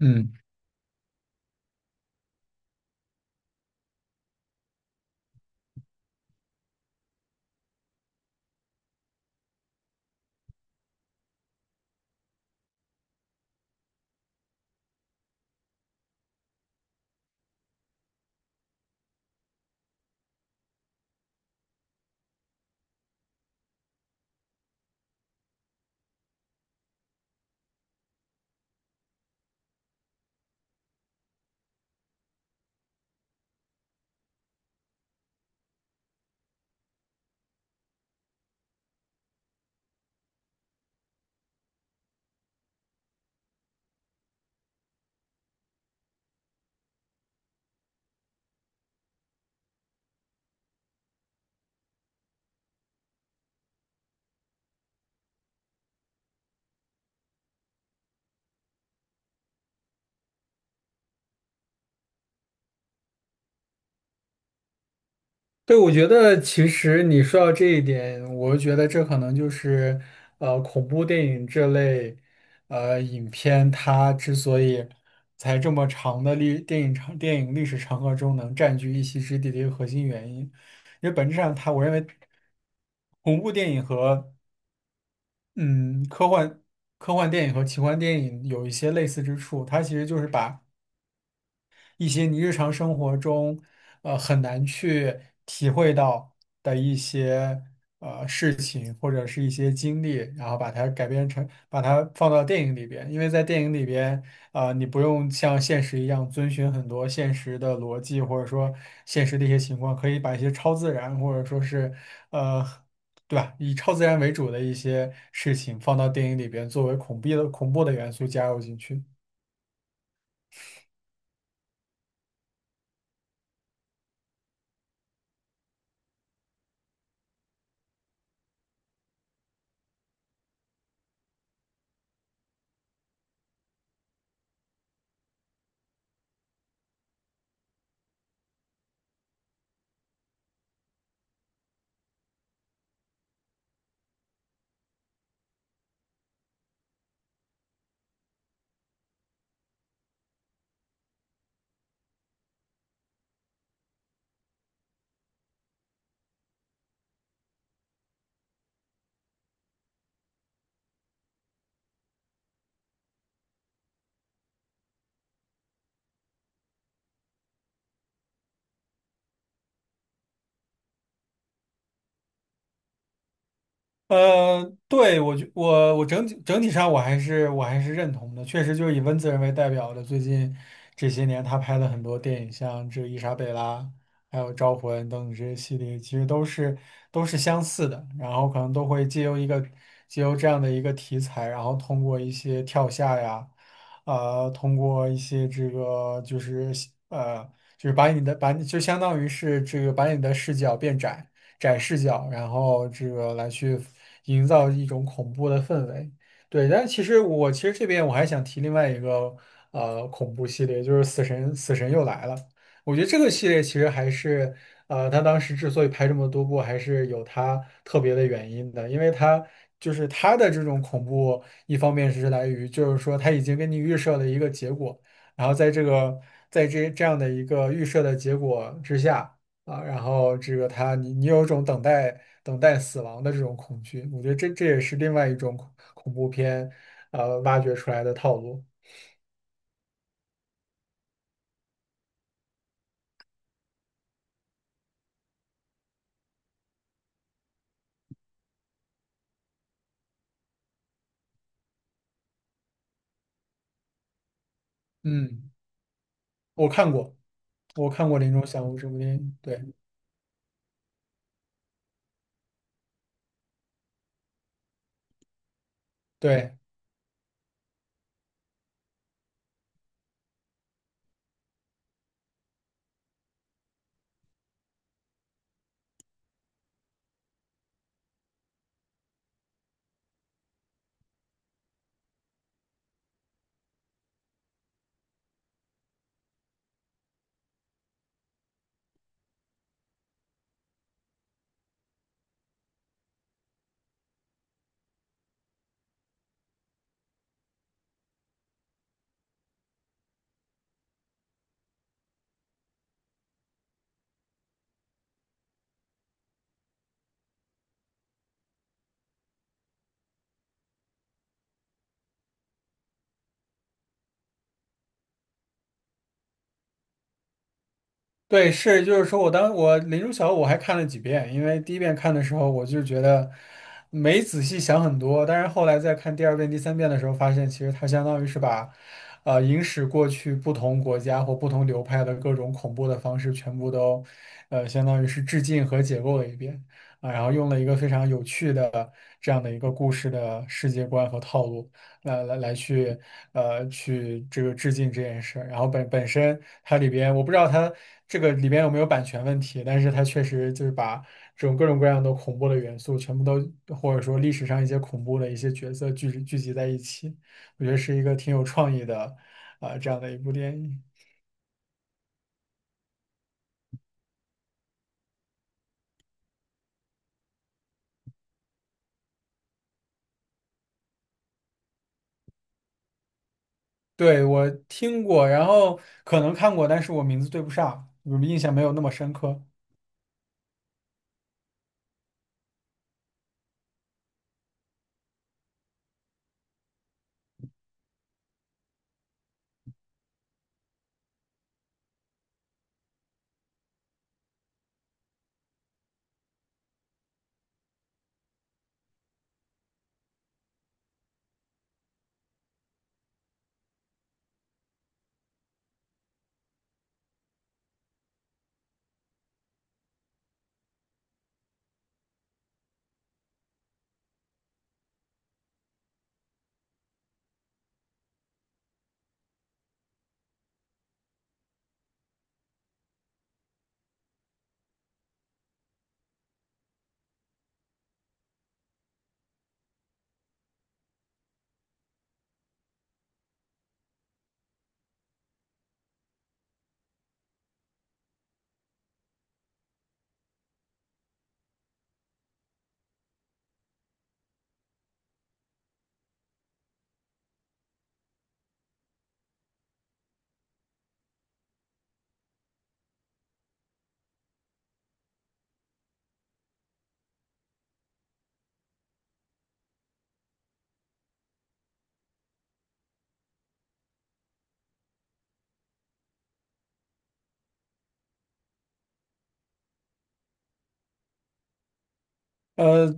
嗯，对，我觉得其实你说到这一点，我觉得这可能就是恐怖电影这类影片，它之所以在这么长的历电影长电影历史长河中能占据一席之地的一个核心原因，因为本质上它，我认为恐怖电影和嗯科幻科幻电影和奇幻电影有一些类似之处，它其实就是把一些你日常生活中很难去体会到的一些事情或者是一些经历，然后把它改编成把它放到电影里边，因为在电影里边啊、你不用像现实一样遵循很多现实的逻辑，或者说现实的一些情况，可以把一些超自然或者说是呃。对吧？以超自然为主的一些事情放到电影里边，作为恐怖的元素加入进去。对，我觉我我整体上我还是认同的，确实就是以温子仁为代表的，最近这些年他拍了很多电影，像这《伊莎贝拉》还有《招魂》等等这些系列，其实都是相似的，然后可能都会借由这样的一个题材，然后通过一些跳下呀，通过一些呃就是把你就相当于是这个把你的视角变窄。窄视角，然后这个来去营造一种恐怖的氛围。对，但其实这边我还想提另外一个恐怖系列，就是死神又来了》。我觉得这个系列其实还是他当时之所以拍这么多部，还是有他特别的原因的，因为他就是他的这种恐怖，一方面是来于就是说他已经给你预设了一个结果，然后在这样的一个预设的结果之下。啊，然后这个他，你你有一种等待死亡的这种恐惧，我觉得这也是另外一种恐怖片，挖掘出来的套路。嗯，我看过，我看过《林中祥物》这部电影，对对，对，是，就是说我当我《林如晓》我还看了几遍，因为第一遍看的时候我就觉得没仔细想很多，但是后来在看第二遍、第三遍的时候，发现其实它相当于是把，影史过去不同国家或不同流派的各种恐怖的方式全部都，相当于是致敬和解构了一遍啊，然后用了一个非常有趣的这样的一个故事的世界观和套路。来来来去呃去这个致敬这件事儿，然后本身它里边，我不知道它这个里边有没有版权问题，但是它确实就是把这种各种各样的恐怖的元素全部都或者说历史上一些恐怖的一些角色聚集在一起，我觉得是一个挺有创意的这样的一部电影。对，我听过，然后可能看过，但是我名字对不上，我印象没有那么深刻。呃，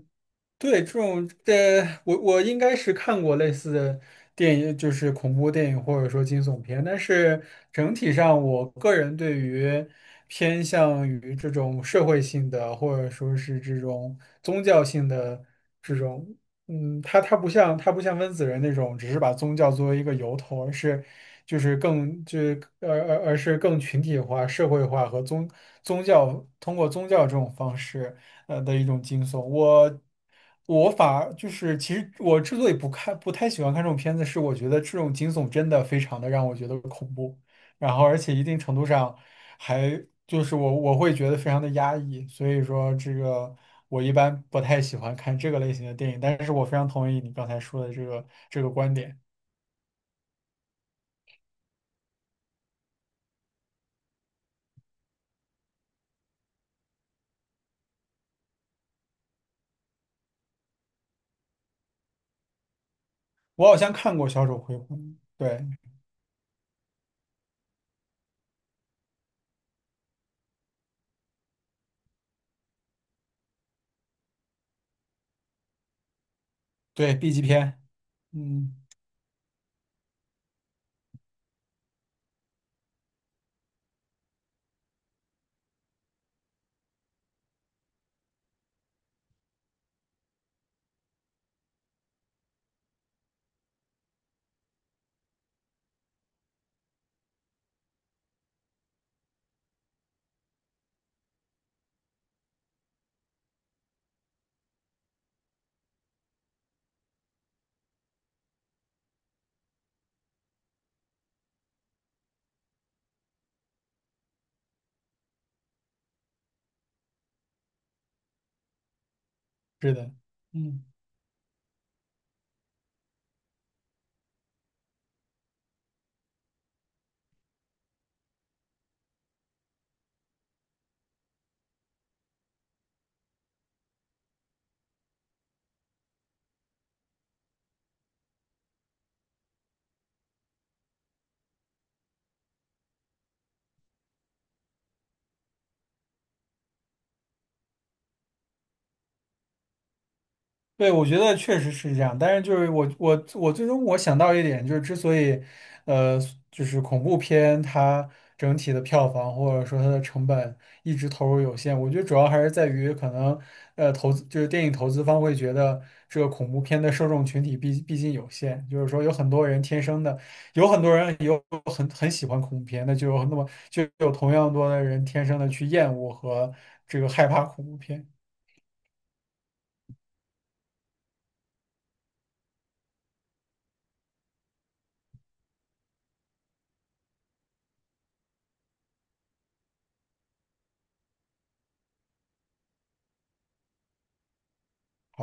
对，这种我我应该是看过类似的电影，就是恐怖电影或者说惊悚片，但是整体上，我个人对于偏向于这种社会性的，或者说是这种宗教性的这种，嗯，它不像温子仁那种，只是把宗教作为一个由头，而是就是更就是呃而而是更群体化、社会化，宗教通过宗教这种方式。的一种惊悚。我我反而就是，其实我之所以不太喜欢看这种片子，是我觉得这种惊悚真的非常的让我觉得恐怖，然后而且一定程度上还就是我我会觉得非常的压抑，所以说这个我一般不太喜欢看这个类型的电影，但是我非常同意你刚才说的这个观点。我好像看过《小丑回魂》，对对，B 级片，嗯，是的，嗯。对，我觉得确实是这样，但是就是我最终我想到一点，就是之所以，呃，就是恐怖片它整体的票房或者说它的成本一直投入有限，我觉得主要还是在于可能，投资就是电影投资方会觉得这个恐怖片的受众群体毕竟有限，就是说有很多人天生的，有很多人有很喜欢恐怖片，那么就有同样多的人天生的去厌恶和这个害怕恐怖片。